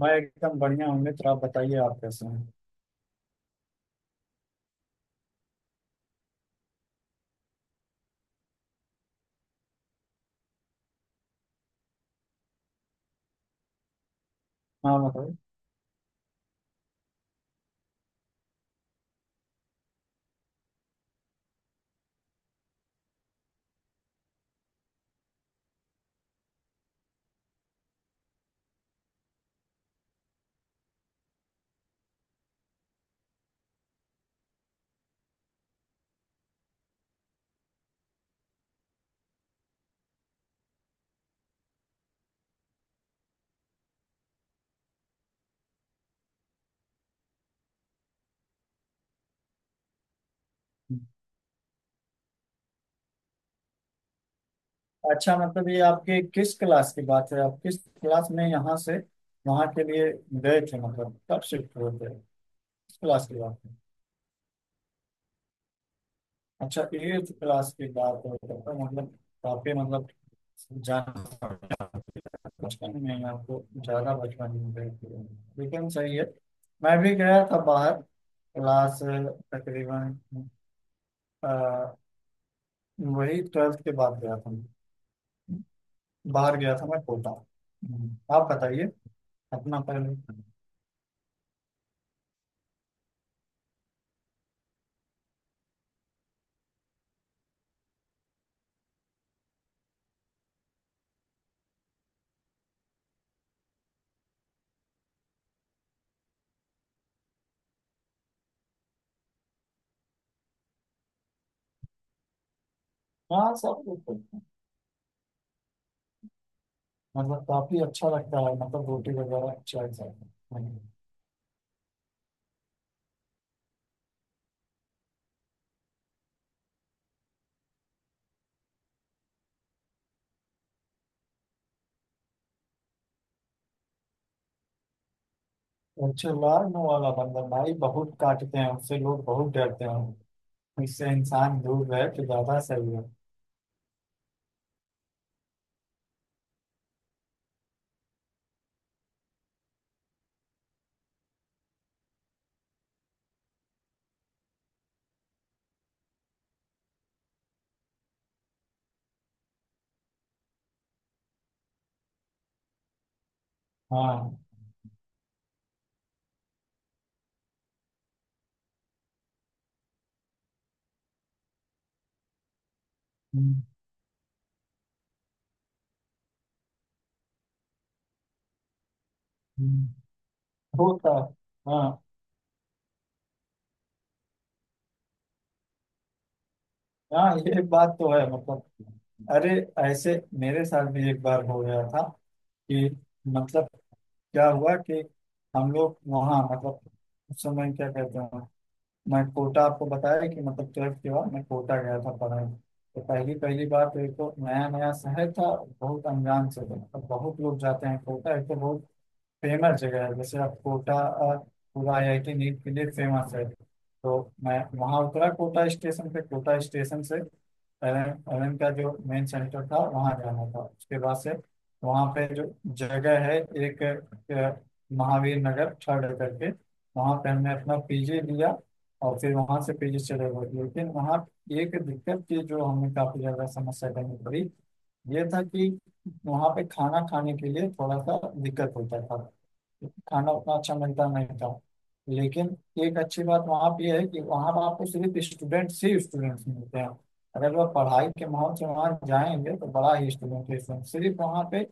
मैं एकदम बढ़िया हूँ मित्र। आप बताइए, आप कैसे हैं? हाँ मतलब अच्छा, मतलब ये आपके किस क्लास की बात है? आप किस क्लास में यहाँ से वहाँ के लिए गए थे? मतलब कब शिफ्ट हुए थे? किस क्लास की बात है? अच्छा, एट्थ क्लास की बात है, तब तो मतलब काफी मतलब जान बचपन में ही आपको ज्यादा बचपन में गए थे, लेकिन सही है। मैं भी गया था बाहर, क्लास तकरीबन अ, वही ट्वेल्थ के बाद गया था। बाहर गया था मैं कोटा। हम्म। आप बताइए अपना पहले। हाँ सब कुछ है। मतलब काफी अच्छा लगता है, मतलब रोटी वगैरह अच्छा। अच्छा, लार्म वाला बंदर भाई बहुत काटते हैं, उससे लोग बहुत डरते हैं। इससे इंसान दूर रहे तो ज्यादा सही है। हाँ। हम्म, हम्म। होता है। हाँ हाँ, ये बात तो है मतलब। अरे ऐसे मेरे साथ भी एक बार हो गया था कि मतलब क्या हुआ कि हम लोग वहाँ मतलब उस समय क्या कहते हैं, मैं कोटा आपको बताया कि मतलब ट्वेल्थ के बाद मैं कोटा गया था पढ़ाई। तो पहली पहली बार तो एक तो नया नया शहर था, बहुत अनजान से था। मतलब बहुत लोग जाते हैं कोटा, एक तो बहुत फेमस जगह है। जैसे आप कोटा पूरा आईआईटी नीट के लिए फेमस है। तो मैं वहाँ उतरा कोटा स्टेशन पे, कोटा स्टेशन से एलएन का जो मेन सेंटर था वहाँ जाना था। उसके बाद से वहाँ पे जो जगह है, एक अ, महावीर नगर थर्ड करके, वहाँ पे हमने अपना पीजी लिया। और फिर वहाँ से पीजी चले गए, लेकिन वहाँ एक दिक्कत थी जो हमें काफ़ी ज़्यादा समस्या करनी पड़ी। ये था कि वहाँ पे खाना खाने के लिए थोड़ा सा दिक्कत होता था, खाना उतना अच्छा मिलता नहीं था। लेकिन एक अच्छी बात वहाँ पे है कि वहाँ पर आपको सिर्फ स्टूडेंट ही स्टूडेंट्स मिलते हैं। अगर वह पढ़ाई के माहौल से वहाँ जाएंगे तो बड़ा ही स्टूडेंट है student। सिर्फ वहाँ पे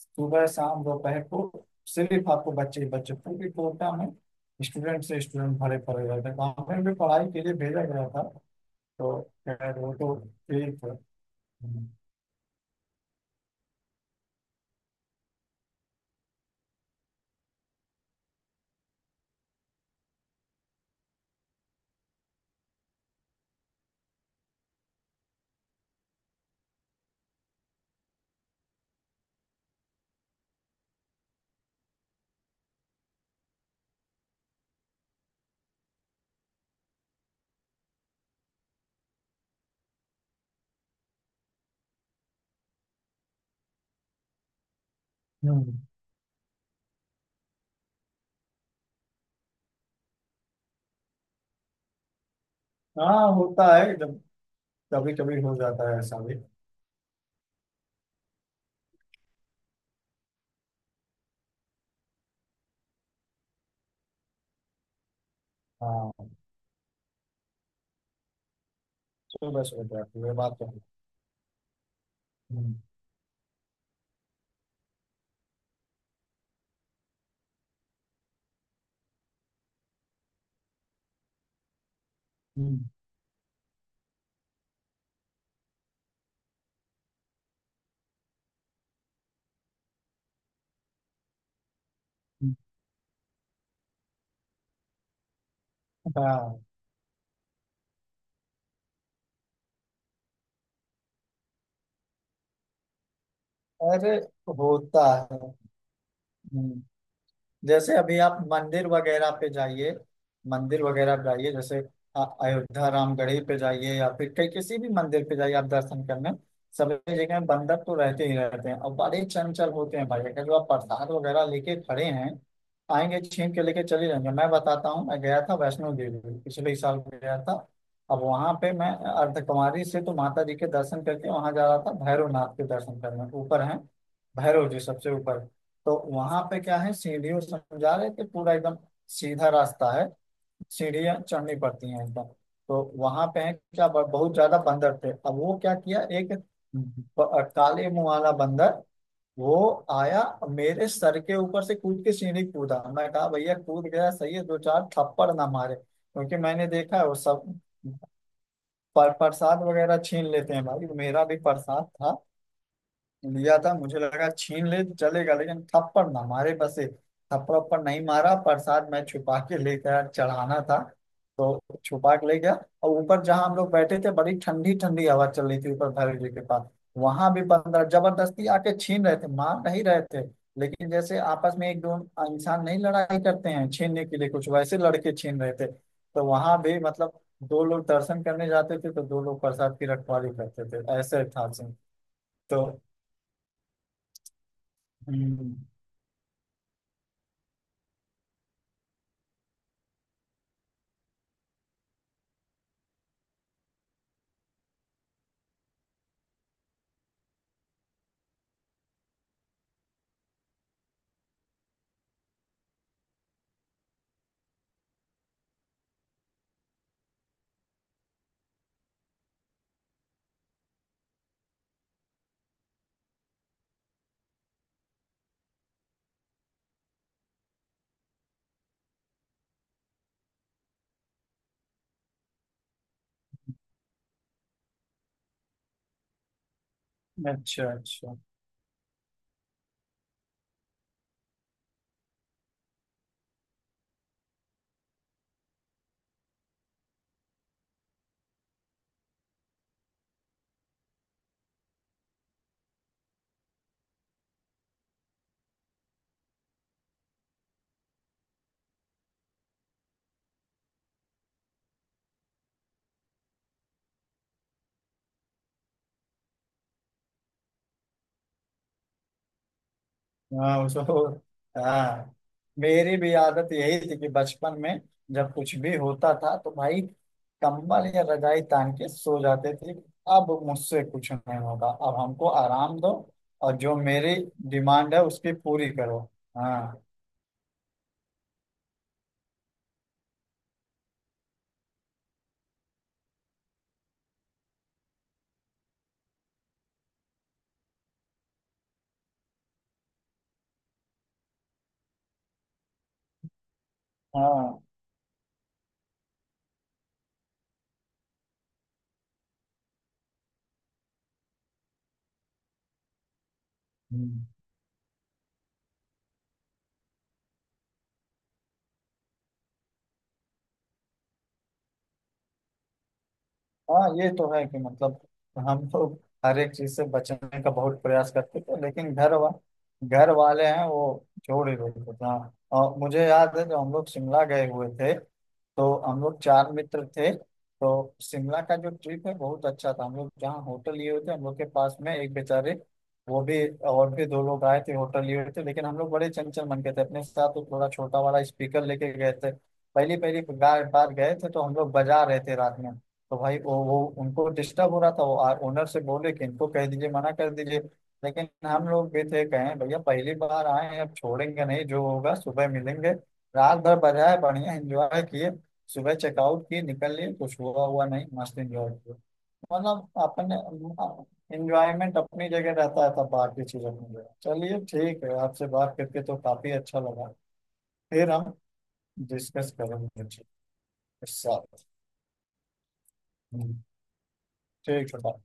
सुबह शाम दोपहर को सिर्फ आपको बच्चे ही बच्चे पूरी कोटा में, स्टूडेंट से स्टूडेंट भरे पड़े रहते हैं, वहाँ पे भी पढ़ाई के लिए भेजा गया था। तो खैर वो तो ठीक है। हम्म। हाँ होता है, जब कभी कभी हो जाता है ऐसा भी। हाँ सुबह सुबह जाती है, बात तो है। हम्म, हम्म, हम्म, हाँ। अरे होता है। हम्म, जैसे अभी आप मंदिर वगैरह पे जाइए, मंदिर वगैरह पे जाइए, जैसे अयोध्या रामगढ़ी पे जाइए, या फिर कहीं किसी भी मंदिर पे जाइए आप दर्शन करने, सभी जगह बंधक तो रहते ही रहते हैं और बड़े चंचल होते हैं भाई। अगर जो आप प्रसाद वगैरह लेके खड़े हैं, आएंगे छीन के लेके चले जाएंगे। मैं बताता हूँ, मैं गया था वैष्णो देवी, पिछले साल गया था। अब वहां पे मैं अर्धकुमारी से तो माता जी के दर्शन करके वहां जा रहा था भैरवनाथ के दर्शन करने, ऊपर है भैरव जी सबसे ऊपर। तो वहां पे क्या है, सीढ़ियों समझा रहे थे पूरा एकदम सीधा रास्ता है, सीढ़ियां चढ़नी पड़ती हैं एकदम। तो वहां पे है क्या, बहुत ज्यादा बंदर थे। अब वो क्या किया, एक काले मुंह वाला बंदर वो आया, मेरे सर के ऊपर से कूद के सीढ़ी कूदा। मैं कहा भैया कूद गया सही है, दो चार थप्पड़ ना मारे, क्योंकि मैंने देखा है वो सब पर प्रसाद वगैरह छीन लेते हैं भाई। मेरा भी प्रसाद था, लिया था, मुझे लगा छीन ले तो चलेगा लेकिन थप्पड़ ना मारे बस एक। थप्पड़ उप्पड़ नहीं मारा, प्रसाद मैं छुपा के लेकर चढ़ाना था तो छुपा के ले गया। और ऊपर जहाँ हम लोग बैठे थे बड़ी ठंडी ठंडी हवा चल रही थी ऊपर भैरव जी के पास। वहां भी बंदर जबरदस्ती आके छीन रहे थे, मार नहीं रहे थे, लेकिन जैसे आपस में एक दो इंसान नहीं लड़ाई करते हैं छीनने के लिए कुछ, वैसे लड़के छीन रहे थे। तो वहां भी मतलब दो लोग दर्शन करने जाते थे तो दो लोग प्रसाद की रखवाली करते थे, ऐसे था सीन। तो हम्म। अच्छा अच्छा। हाँ तो हाँ, मेरी भी आदत यही थी कि बचपन में जब कुछ भी होता था तो भाई कंबल या रजाई तान के सो जाते थे। अब मुझसे कुछ नहीं होगा, अब हमको आराम दो और जो मेरी डिमांड है उसकी पूरी करो। हाँ हाँ। हम्म। हाँ ये तो है कि मतलब हम तो हर एक चीज से बचने का बहुत प्रयास करते थे लेकिन घर वाले हैं वो छोड़ ही देते थे। हाँ, और मुझे याद है जब हम लोग शिमला गए हुए थे, तो हम लोग चार मित्र थे, तो शिमला का जो ट्रिप है बहुत अच्छा था। हम लोग जहाँ होटल लिए हुए थे, हम लोग के पास में एक बेचारे, वो भी और भी दो लोग आए थे होटल लिए हुए थे। लेकिन हम लोग बड़े चंचल मन के थे, अपने साथ तो थोड़ा छोटा वाला स्पीकर लेके गए थे। पहली पहली बार बार गए थे तो हम लोग बजा रहे थे रात में। तो भाई वो उनको डिस्टर्ब हो रहा था, वो ओनर से बोले कि इनको कह दीजिए, मना कर दीजिए। लेकिन हम लोग भी थे, कहें भैया पहली बार आए हैं, अब छोड़ेंगे नहीं, जो होगा सुबह मिलेंगे। रात भर बजाए, बढ़िया एंजॉय किए, सुबह चेकआउट किए निकल लिए, कुछ हुआ हुआ नहीं, मस्त एंजॉय किया। मतलब अपने एंजॉयमेंट अपनी जगह रहता है, तब बाकी चीज अपनी जगह। चलिए ठीक है, आपसे बात करके तो काफी अच्छा लगा। फिर हम डिस्कस करेंगे इस साथ। हम्म, ठीक है bye।